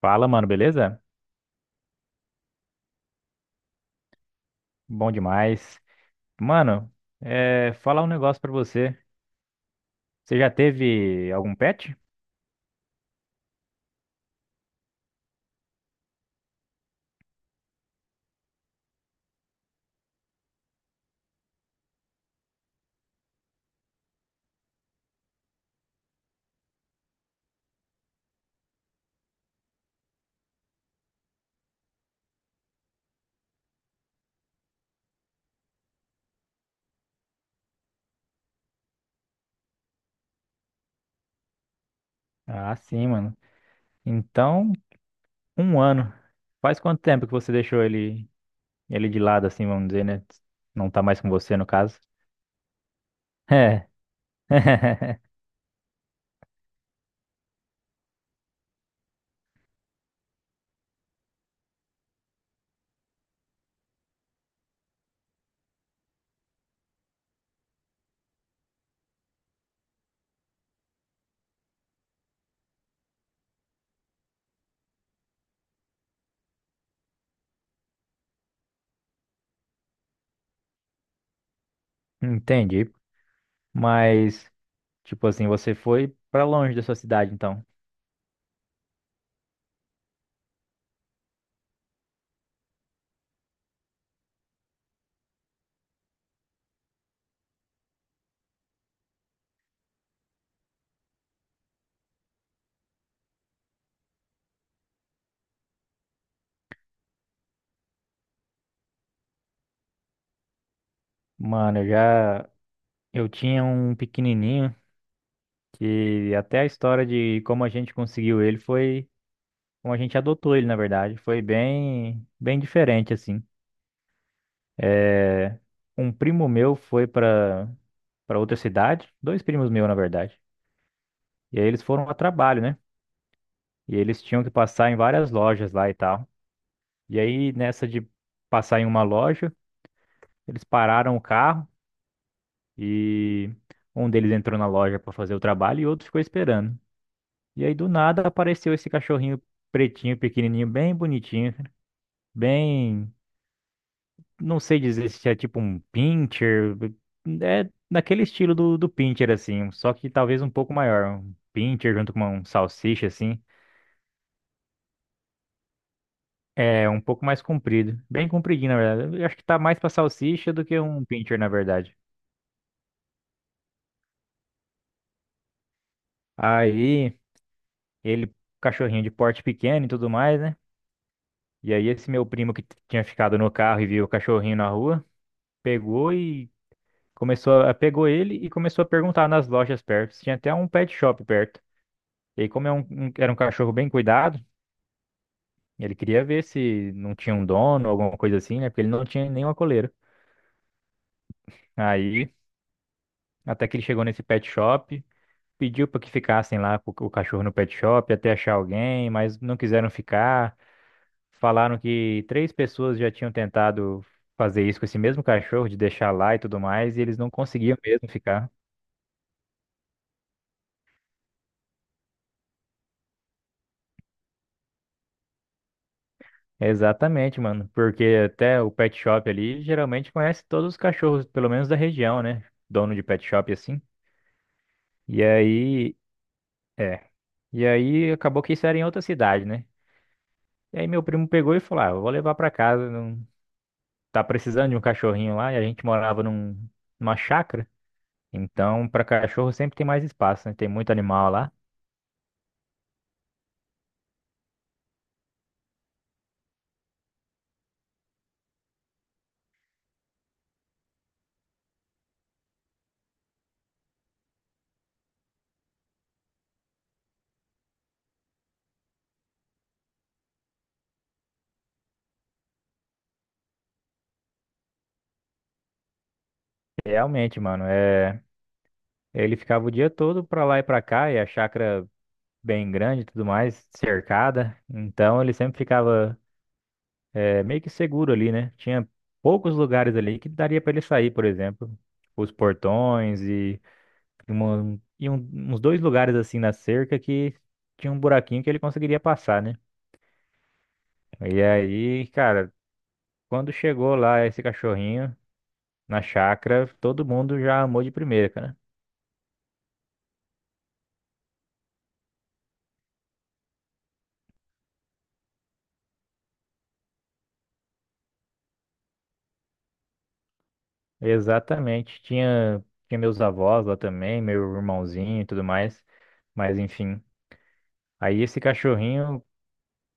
Fala, mano, beleza? Bom demais. Mano, falar um negócio pra você. Você já teve algum pet? Ah, sim, mano. Então, um ano. Faz quanto tempo que você deixou ele de lado, assim, vamos dizer, né? Não tá mais com você, no caso. É. Entendi. Mas, tipo assim, você foi pra longe da sua cidade, então. Mano, eu já. Eu tinha um pequenininho que até a história de como a gente conseguiu ele foi. Como a gente adotou ele, na verdade. Foi bem, bem diferente, assim. É, Um primo meu foi para outra cidade, dois primos meus, na verdade. E aí eles foram a trabalho, né? E eles tinham que passar em várias lojas lá e tal. E aí, nessa de passar em uma loja, eles pararam o carro e um deles entrou na loja para fazer o trabalho e outro ficou esperando. E aí, do nada, apareceu esse cachorrinho pretinho, pequenininho, bem bonitinho, bem não sei dizer se é tipo um pincher, é naquele estilo do pincher, assim, só que talvez um pouco maior. Um pincher junto com um salsicha, assim, é um pouco mais comprido, bem compridinho, na verdade. Eu acho que tá mais pra salsicha do que um pincher, na verdade. Aí, ele, cachorrinho de porte pequeno e tudo mais, né? E aí, esse meu primo que tinha ficado no carro e viu o cachorrinho na rua, pegou e pegou ele e começou a perguntar nas lojas perto. Tinha até um pet shop perto. E aí, como é era um cachorro bem cuidado, ele queria ver se não tinha um dono, alguma coisa assim, né? Porque ele não tinha nenhuma coleira. Aí, até que ele chegou nesse pet shop, pediu para que ficassem lá com o cachorro no pet shop até achar alguém, mas não quiseram ficar. Falaram que três pessoas já tinham tentado fazer isso com esse mesmo cachorro, de deixar lá e tudo mais, e eles não conseguiam mesmo ficar. Exatamente, mano, porque até o pet shop ali geralmente conhece todos os cachorros, pelo menos da região, né? Dono de pet shop assim. E aí, é. E aí acabou que isso era em outra cidade, né? E aí meu primo pegou e falou: "Ah, eu vou levar pra casa, não tá precisando de um cachorrinho lá". E a gente morava numa chácara, então pra cachorro sempre tem mais espaço, né? Tem muito animal lá. Realmente, mano, ele ficava o dia todo pra lá e pra cá, e a chácara bem grande e tudo mais, cercada. Então ele sempre ficava meio que seguro ali, né? Tinha poucos lugares ali que daria pra ele sair, por exemplo, os portões e uns dois lugares assim na cerca que tinha um buraquinho que ele conseguiria passar, né? E aí, cara, quando chegou lá esse cachorrinho na chácara, todo mundo já amou de primeira, cara. Exatamente. Tinha meus avós lá também, meu irmãozinho e tudo mais. Mas enfim. Aí esse cachorrinho,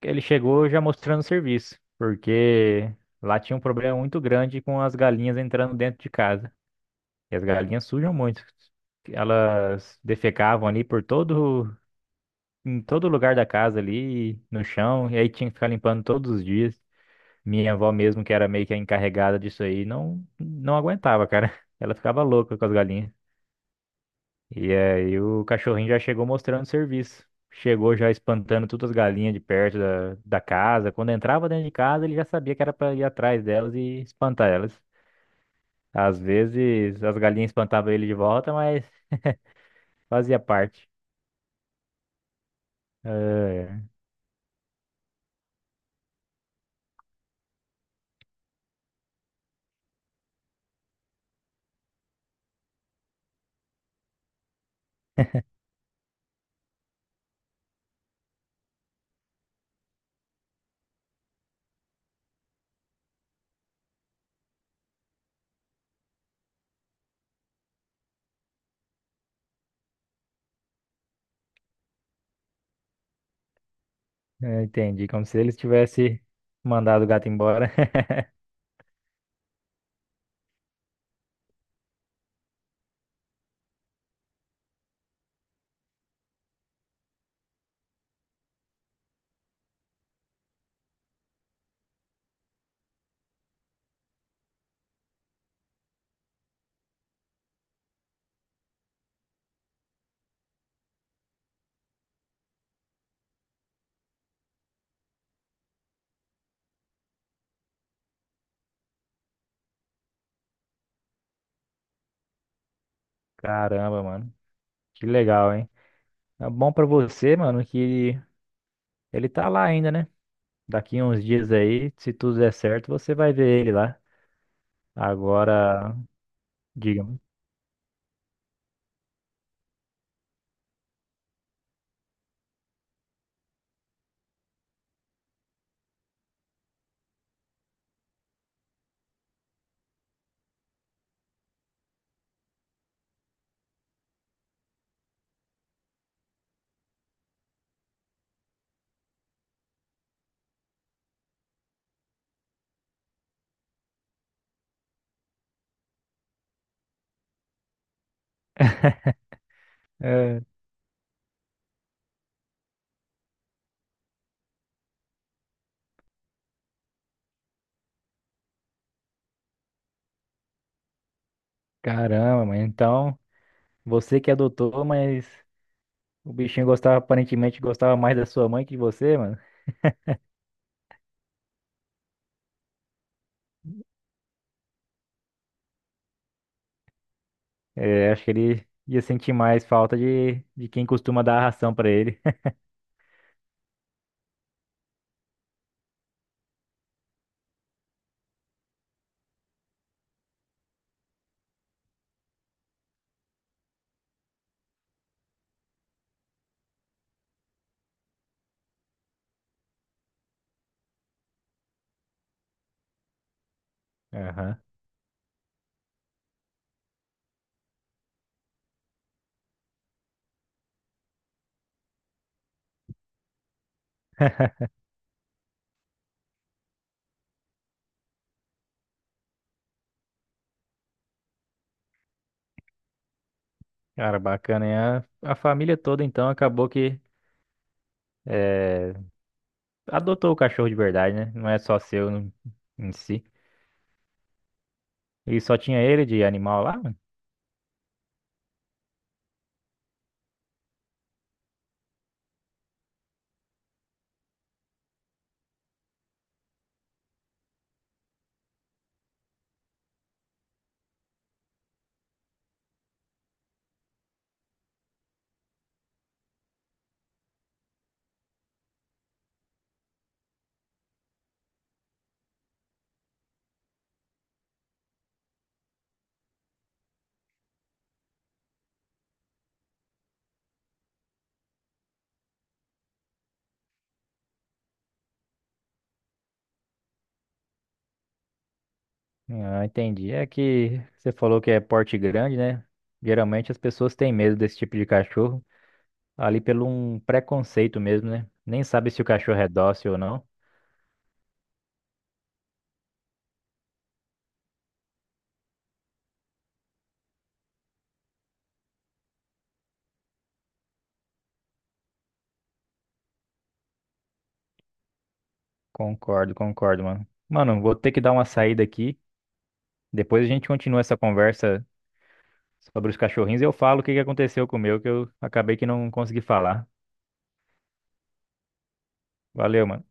ele chegou já mostrando serviço, porque lá tinha um problema muito grande com as galinhas entrando dentro de casa. E as galinhas sujam muito. Elas defecavam ali em todo lugar da casa ali, no chão, e aí tinha que ficar limpando todos os dias. Minha avó mesmo, que era meio que a encarregada disso aí, não aguentava, cara. Ela ficava louca com as galinhas. E aí o cachorrinho já chegou mostrando serviço. Chegou já espantando todas as galinhas de perto da casa. Quando entrava dentro de casa, ele já sabia que era pra ir atrás delas e espantar elas. Às vezes as galinhas espantavam ele de volta, mas fazia parte. É, é, entendi. Como se eles tivessem mandado o gato embora. Caramba, mano. Que legal, hein? É bom pra você, mano, que ele tá lá ainda, né? Daqui uns dias aí, se tudo der certo, você vai ver ele lá. Agora, diga-me. É, caramba, mano. Então, você que adotou, mas o bichinho gostava, aparentemente gostava mais da sua mãe que de você, mano. É, acho que ele ia sentir mais falta de quem costuma dar a ração pra ele. Aham. Cara, bacana, hein? A família toda, então, acabou que eh, adotou o cachorro de verdade, né? Não é só seu em si. E só tinha ele de animal lá, mano? Ah, entendi. É que você falou que é porte grande, né? Geralmente as pessoas têm medo desse tipo de cachorro, ali pelo um preconceito mesmo, né? Nem sabe se o cachorro é dócil ou não. Concordo, concordo, mano. Mano, vou ter que dar uma saída aqui. Depois a gente continua essa conversa sobre os cachorrinhos, eu falo o que que aconteceu com o meu, que eu acabei que não consegui falar. Valeu, mano.